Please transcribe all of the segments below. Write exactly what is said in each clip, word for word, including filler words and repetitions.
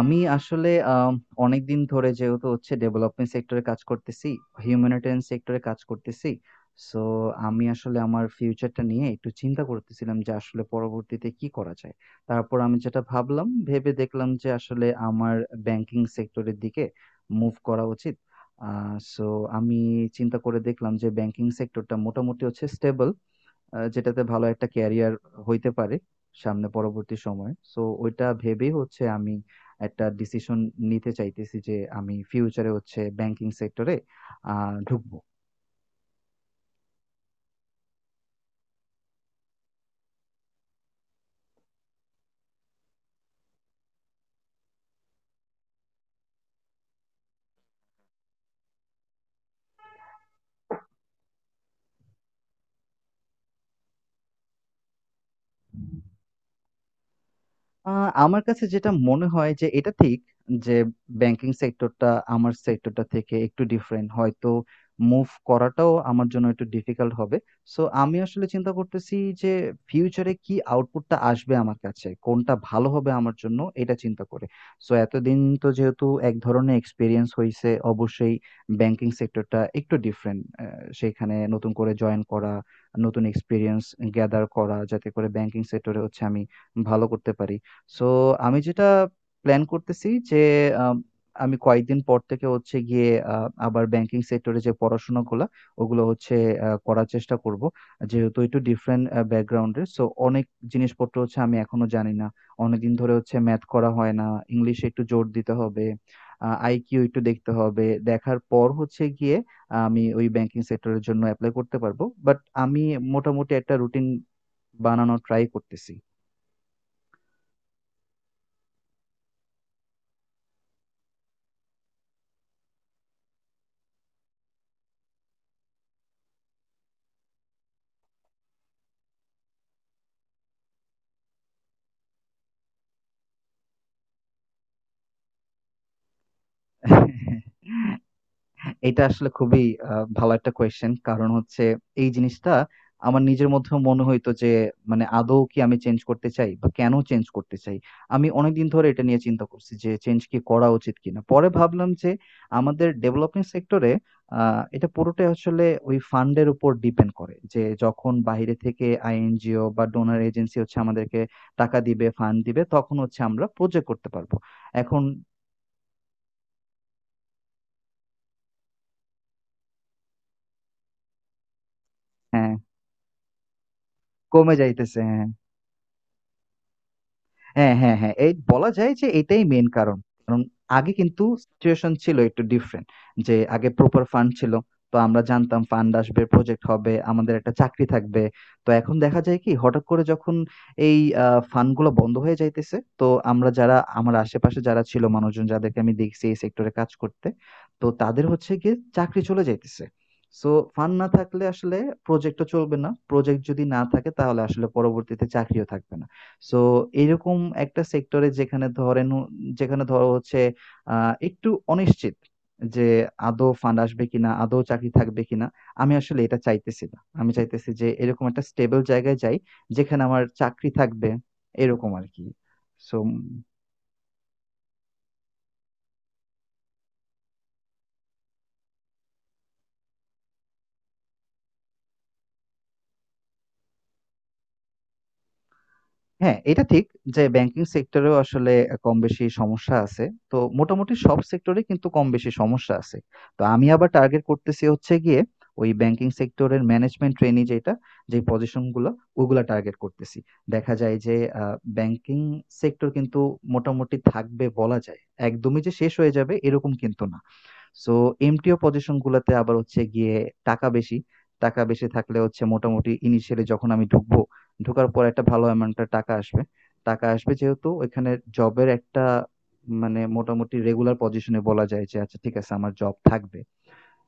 আমি আসলে আম অনেকদিন ধরে যেহেতু হচ্ছে ডেভেলপমেন্ট সেক্টরে কাজ করতেছি, হিউম্যানিটেরিয়ান সেক্টরে কাজ করতেছি। সো আমি আসলে আমার ফিউচারটা নিয়ে একটু চিন্তা করতেছিলাম যে আসলে পরবর্তীতে কি করা যায়। তারপর আমি যেটা ভাবলাম, ভেবে দেখলাম যে আসলে আমার ব্যাংকিং সেক্টরের দিকে মুভ করা উচিত। আ সো আমি চিন্তা করে দেখলাম যে ব্যাংকিং সেক্টরটা মোটামুটি হচ্ছে স্টেবল। আহ, যেটাতে ভালো একটা ক্যারিয়ার হইতে পারে সামনে পরবর্তী সময়ে, সো ওইটা ভেবেই হচ্ছে আমি একটা ডিসিশন নিতে চাইতেছি যে আমি ফিউচারে হচ্ছে ব্যাংকিং সেক্টরে আহ ঢুকবো। আ আমার কাছে যেটা মনে হয় যে এটা ঠিক যে ব্যাংকিং সেক্টরটা আমার সেক্টরটা থেকে একটু ডিফারেন্ট। হয়তো মুভ করাটাও আমার জন্য একটু ডিফিকাল্ট হবে। সো আমি আসলে চিন্তা করতেছি যে ফিউচারে কি আউটপুটটা আসবে আমার কাছে? কোনটা ভালো হবে আমার জন্য এটা চিন্তা করে। সো এতদিন তো যেহেতু এক ধরনের এক্সপেরিয়েন্স হইছে অবশ্যই ব্যাংকিং সেক্টরটা একটু ডিফারেন্ট। আ সেইখানে নতুন করে জয়েন করা, নতুন এক্সপেরিয়েন্স গ্যাদার করা যাতে করে ব্যাংকিং সেক্টরে হচ্ছে আমি ভালো করতে পারি। সো আমি যেটা প্ল্যান করতেছি যে আম, আমি কয়েকদিন পর থেকে হচ্ছে গিয়ে আহ, আবার ব্যাংকিং সেক্টরে যে পড়াশোনাগুলো ওগুলো হচ্ছে আহ, করার চেষ্টা করব, যেহেতু একটু ডিফারেন্ট ব্যাকগ্রাউন্ডের সো অনেক জিনিসপত্র হচ্ছে আমি এখনো জানি না। অনেকদিন ধরে হচ্ছে ম্যাথ করা হয় না, ইংলিশে একটু জোর দিতে হবে, আইকিউ একটু দেখতে হবে। দেখার পর হচ্ছে গিয়ে আমি ওই ব্যাংকিং সেক্টরের জন্য অ্যাপ্লাই করতে পারবো, বাট আমি মোটামুটি একটা রুটিন বানানোর ট্রাই করতেছি। এটা আসলে খুবই আ ভালো একটা কোয়েশ্চেন। কারণ হচ্ছে এই জিনিসটা আমার নিজের মধ্যেও মনে হইতো যে মানে আদৌ কি আমি চেঞ্জ করতে চাই বা কেন চেঞ্জ করতে চাই? আমি অনেকদিন ধরে এটা নিয়ে চিন্তা করছি যে চেঞ্জ কি করা উচিত কিনা? পরে ভাবলাম যে আমাদের ডেভেলপমেন্ট সেক্টরে আ এটা পুরোটাই আসলে ওই ফান্ড এর উপর ডিপেন্ড করে। যে যখন বাইরে থেকে আইএনজিও বা ডোনর এজেন্সি হচ্ছে আমাদেরকে টাকা দিবে, ফান্ড দিবে তখন হচ্ছে আমরা প্রজেক্ট করতে পারব। এখন হ্যাঁ, কমে যাইতেছে। হ্যাঁ। হ্যাঁ, হ্যাঁ, হ্যাঁ। এই বলা যায় যে এটাই মেইন কারণ। কারণ আগে কিন্তু সিচুয়েশন ছিল একটু ডিফারেন্ট। যে আগে প্রপার ফান্ড ছিল। তো আমরা জানতাম ফান্ড আসবে, প্রজেক্ট হবে, আমাদের একটা চাকরি থাকবে। তো এখন দেখা যায় কি হঠাৎ করে যখন এই আ ফান্ড গুলো বন্ধ হয়ে যাইতেছে, তো আমরা যারা, আমার আশেপাশে যারা ছিল মানুষজন যাদেরকে আমি দেখছি এই সেক্টরে কাজ করতে, তো তাদের হচ্ছে গিয়ে চাকরি চলে যাইতেছে। সো ফান্ড না থাকলে আসলে প্রজেক্ট ও চলবে না। প্রজেক্ট যদি না থাকে তাহলে আসলে পরবর্তীতে চাকরিও থাকবে না। সো এরকম একটা সেক্টরে যেখানে ধরেন হ- যেখানে ধরো হচ্ছে আহ একটু অনিশ্চিত যে আদৌ ফান্ড আসবে কিনা, আদৌ চাকরি থাকবে কিনা। আমি আসলে এটা চাইতেছি না, আমি চাইতেছি যে এরকম একটা স্টেবল জায়গায় যাই যেখানে আমার চাকরি থাকবে, এরকম আর কি। সো হ্যাঁ, এটা ঠিক যে ব্যাংকিং সেক্টরেও আসলে কম বেশি সমস্যা আছে। তো মোটামুটি সব সেক্টরেই কিন্তু কম বেশি সমস্যা আছে। তো আমি আবার টার্গেট করতেছি হচ্ছে গিয়ে ওই ব্যাংকিং সেক্টরের ম্যানেজমেন্ট ট্রেনি যেটা, যে পজিশন গুলো ওগুলা টার্গেট করতেছি। দেখা যায় যে আ ব্যাংকিং সেক্টর কিন্তু মোটামুটি থাকবে বলা যায়। একদমই যে শেষ হয়ে যাবে এরকম কিন্তু না। সো এমটিও পজিশন গুলাতে আবার হচ্ছে গিয়ে টাকা বেশি টাকা বেশি থাকলে হচ্ছে মোটামুটি ইনিশিয়ালি যখন আমি ঢুকবো, ঢোকার পর একটা ভালো অ্যামাউন্টের টাকা আসবে টাকা আসবে যেহেতু ওইখানে জবের একটা মানে মোটামুটি রেগুলার পজিশনে, বলা যায় যে আচ্ছা ঠিক আছে আমার জব থাকবে,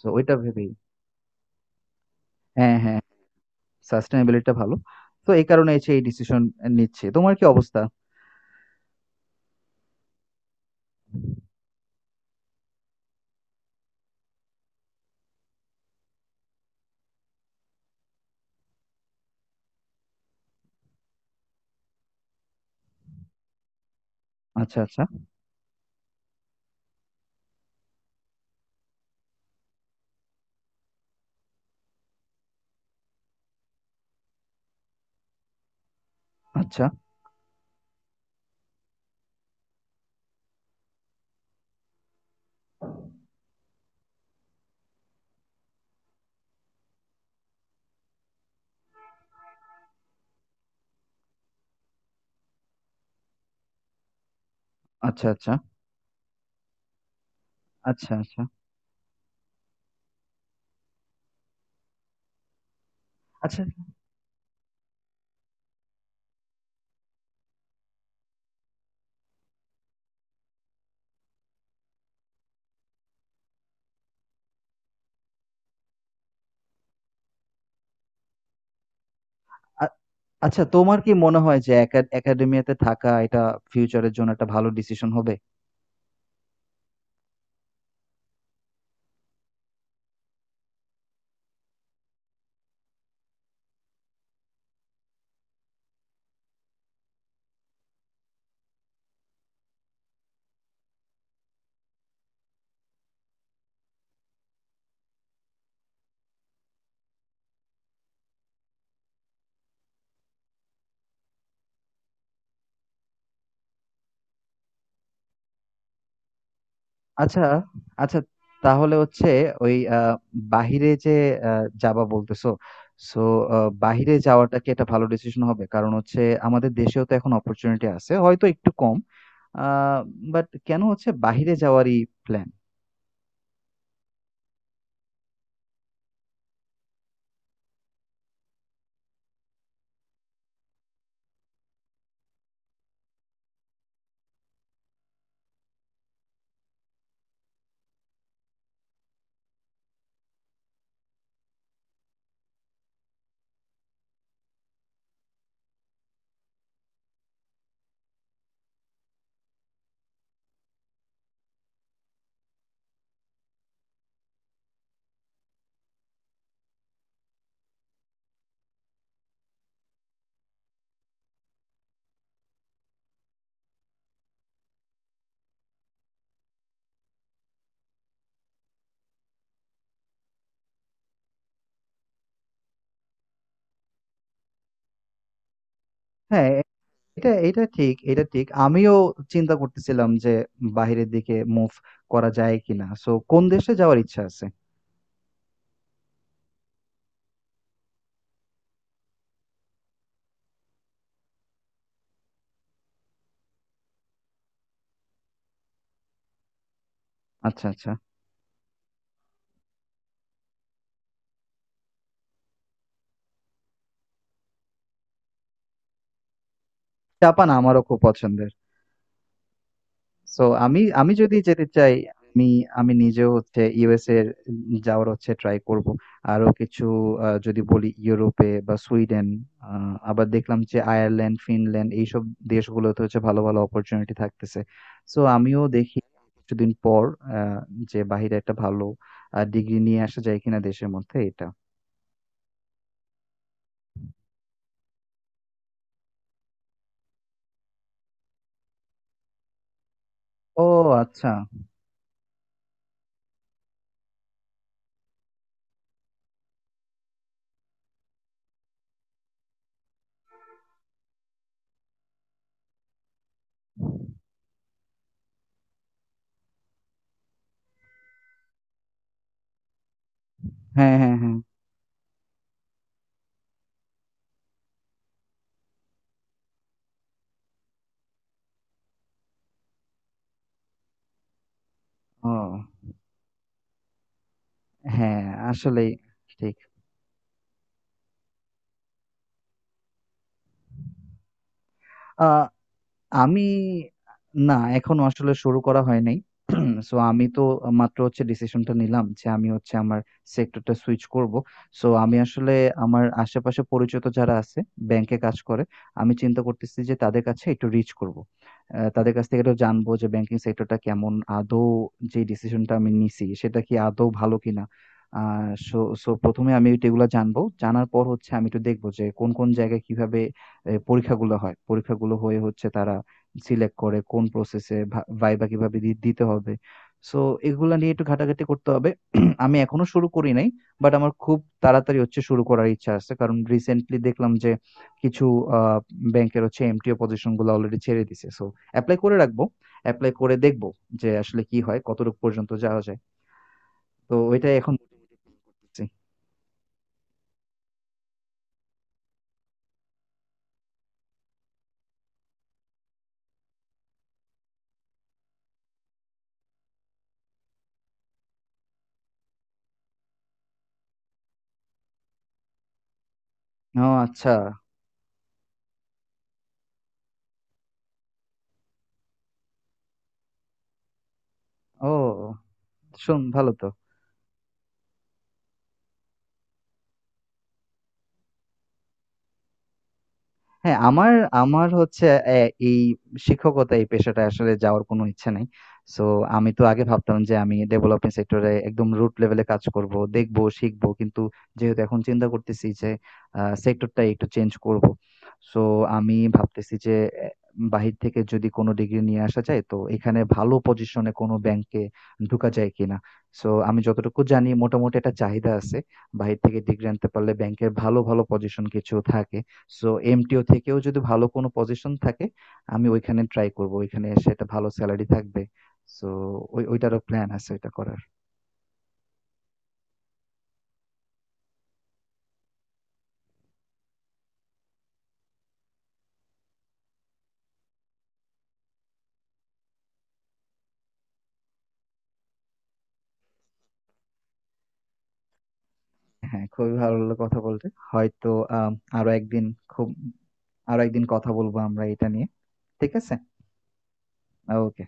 তো ওইটা ভেবেই। হ্যাঁ হ্যাঁ, সাস্টেনেবিলিটিটা ভালো, তো এই কারণে হচ্ছে এই ডিসিশন নিচ্ছে। তোমার কি অবস্থা? আচ্ছা আচ্ছা। আচ্ছা আচ্ছা। আচ্ছা আচ্ছা। আচ্ছা আচ্ছা। আচ্ছা, তোমার কি মনে হয় যে একা একাডেমিয়াতে থাকা এটা ফিউচারের জন্য একটা ভালো ডিসিশন হবে? আচ্ছা আচ্ছা, তাহলে হচ্ছে ওই আহ, বাহিরে যে আহ, যাবা বলতেছো, সো বাহিরে যাওয়াটা কি একটা ভালো ডিসিশন হবে? কারণ হচ্ছে আমাদের দেশেও তো এখন অপরচুনিটি আছে, হয়তো একটু কম, বাট কেন হচ্ছে বাহিরে যাওয়ারই প্ল্যান? হ্যাঁ, এটা এটা ঠিক এটা ঠিক আমিও চিন্তা করতেছিলাম যে বাহিরের দিকে মুভ করা যায় কিনা। সো কোন দেশে যাওয়ার ইচ্ছা আছে? আচ্ছা আচ্ছা। জাপান আমারও খুব পছন্দের। সো আমি আমি যদি যেতে চাই, আমি আমি নিজেও হচ্ছে ইউ এস এ এর যাওয়ার হচ্ছে ট্রাই করব। আরো কিছু, আ যদি বলি ইউরোপে বা সুইডেন, আ আবার দেখলাম যে আয়ারল্যান্ড, ফিনল্যান্ড এইসব দেশগুলোতে হচ্ছে ভালো, ভালো অপরচুনিটি থাকতেছে। সো আমিও দেখি কিছুদিন পর আ যে বাহিরে একটা ভালো আ ডিগ্রি নিয়ে আসা যায় কিনা দেশের মধ্যে এটা। ও আচ্ছা। হ্যাঁ, হ্যাঁ, হ্যাঁ। ও। হ্যাঁ, আসলেই ঠিক। আ আমি, না, এখনো আসলে শুরু করা হয় নাই। সো আমি তো মাত্র হচ্ছে ডিসিশনটা নিলাম যে আমি হচ্ছে আমার সেক্টরটা সুইচ করব। সো আমি আসলে আমার আশেপাশে পরিচিত যারা আছে ব্যাংকে কাজ করে, আমি চিন্তা করতেছি যে তাদের কাছে একটু রিচ করব। আহ, তাদের কাছ থেকে একটু জানবো যে ব্যাংকিং সেক্টরটা কেমন, আদৌ যে ডিসিশনটা আমি নিছি সেটা কি আদৌ ভালো কিনা। আহ সো সো প্রথমে আমি এগুলো জানবো, জানার পর হচ্ছে আমি একটু দেখবো যে কোন কোন জায়গায় কিভাবে এ, পরীক্ষাগুলো হয়, পরীক্ষাগুলো হয়ে হচ্ছে তারা সিলেক্ট করে কোন প্রসেসে, ভাইবা কিভাবে দি- দিতে হবে। সো এগুলা নিয়ে একটু ঘাটাঘাটি করতে হবে। আমি এখনো শুরু করি নাই, বাট আমার খুব তাড়াতাড়ি হচ্ছে শুরু করার ইচ্ছা আছে কারণ রিসেন্টলি দেখলাম যে কিছু আহ ব্যাংকের হচ্ছে এমটিও পজিশন গুলো অলরেডি ছেড়ে দিছে। সো অ্যাপ্লাই করে রাখবো, অ্যাপ্লাই করে দেখবো যে আসলে কি হয়, কতটুকু পর্যন্ত যাওয়া যায়। তো ওইটাই এখন করতেছি। ও আচ্ছা। ও, শুন ভালো তো। হ্যাঁ, আমার, আমার হচ্ছে অ্যা এই শিক্ষকতা এই পেশাটায় আসলে যাওয়ার কোনো ইচ্ছা নাই। সো আমি তো আগে ভাবতাম যে আমি ডেভেলপমেন্ট সেক্টর এ একদম root level এ কাজ করব। দেখব, শিখব। কিন্তু যেহেতু এখন চিন্তা করতেছি যে আ সেক্টরটা একটু চেঞ্জ করব। সো আমি ভাবতেছি যে অ্যা বাহির থেকে যদি কোনো ডিগ্রি নিয়ে আসা যায় তো এখানে ভালো পজিশনে কোনো ব্যাংকে ঢুকা যায় কিনা? সো আমি যতটুকু জানি মোটামুটি একটা চাহিদা আছে। বাহির থেকে ডিগ্রি আনতে পারলে ব্যাংকের ভালো, ভালো পজিশন কিছু থাকে। সো এমটিও থেকেও যদি ভালো কোনো পজিশন থাকে আমি ওইখানে ট্রাই করব, ওইখানে সেটা ভালো স্যালারি থাকবে। সো ওই, ওইটারও প্ল্যান আছে ওইটা করার। হ্যাঁ, খুবই ভালো লাগলো কথা বলতে। হয়তো আম, আরো একদিন, খুব আরো একদিন কথা বলবো আমরা এটা নিয়ে। ঠিক আছে। ওকে।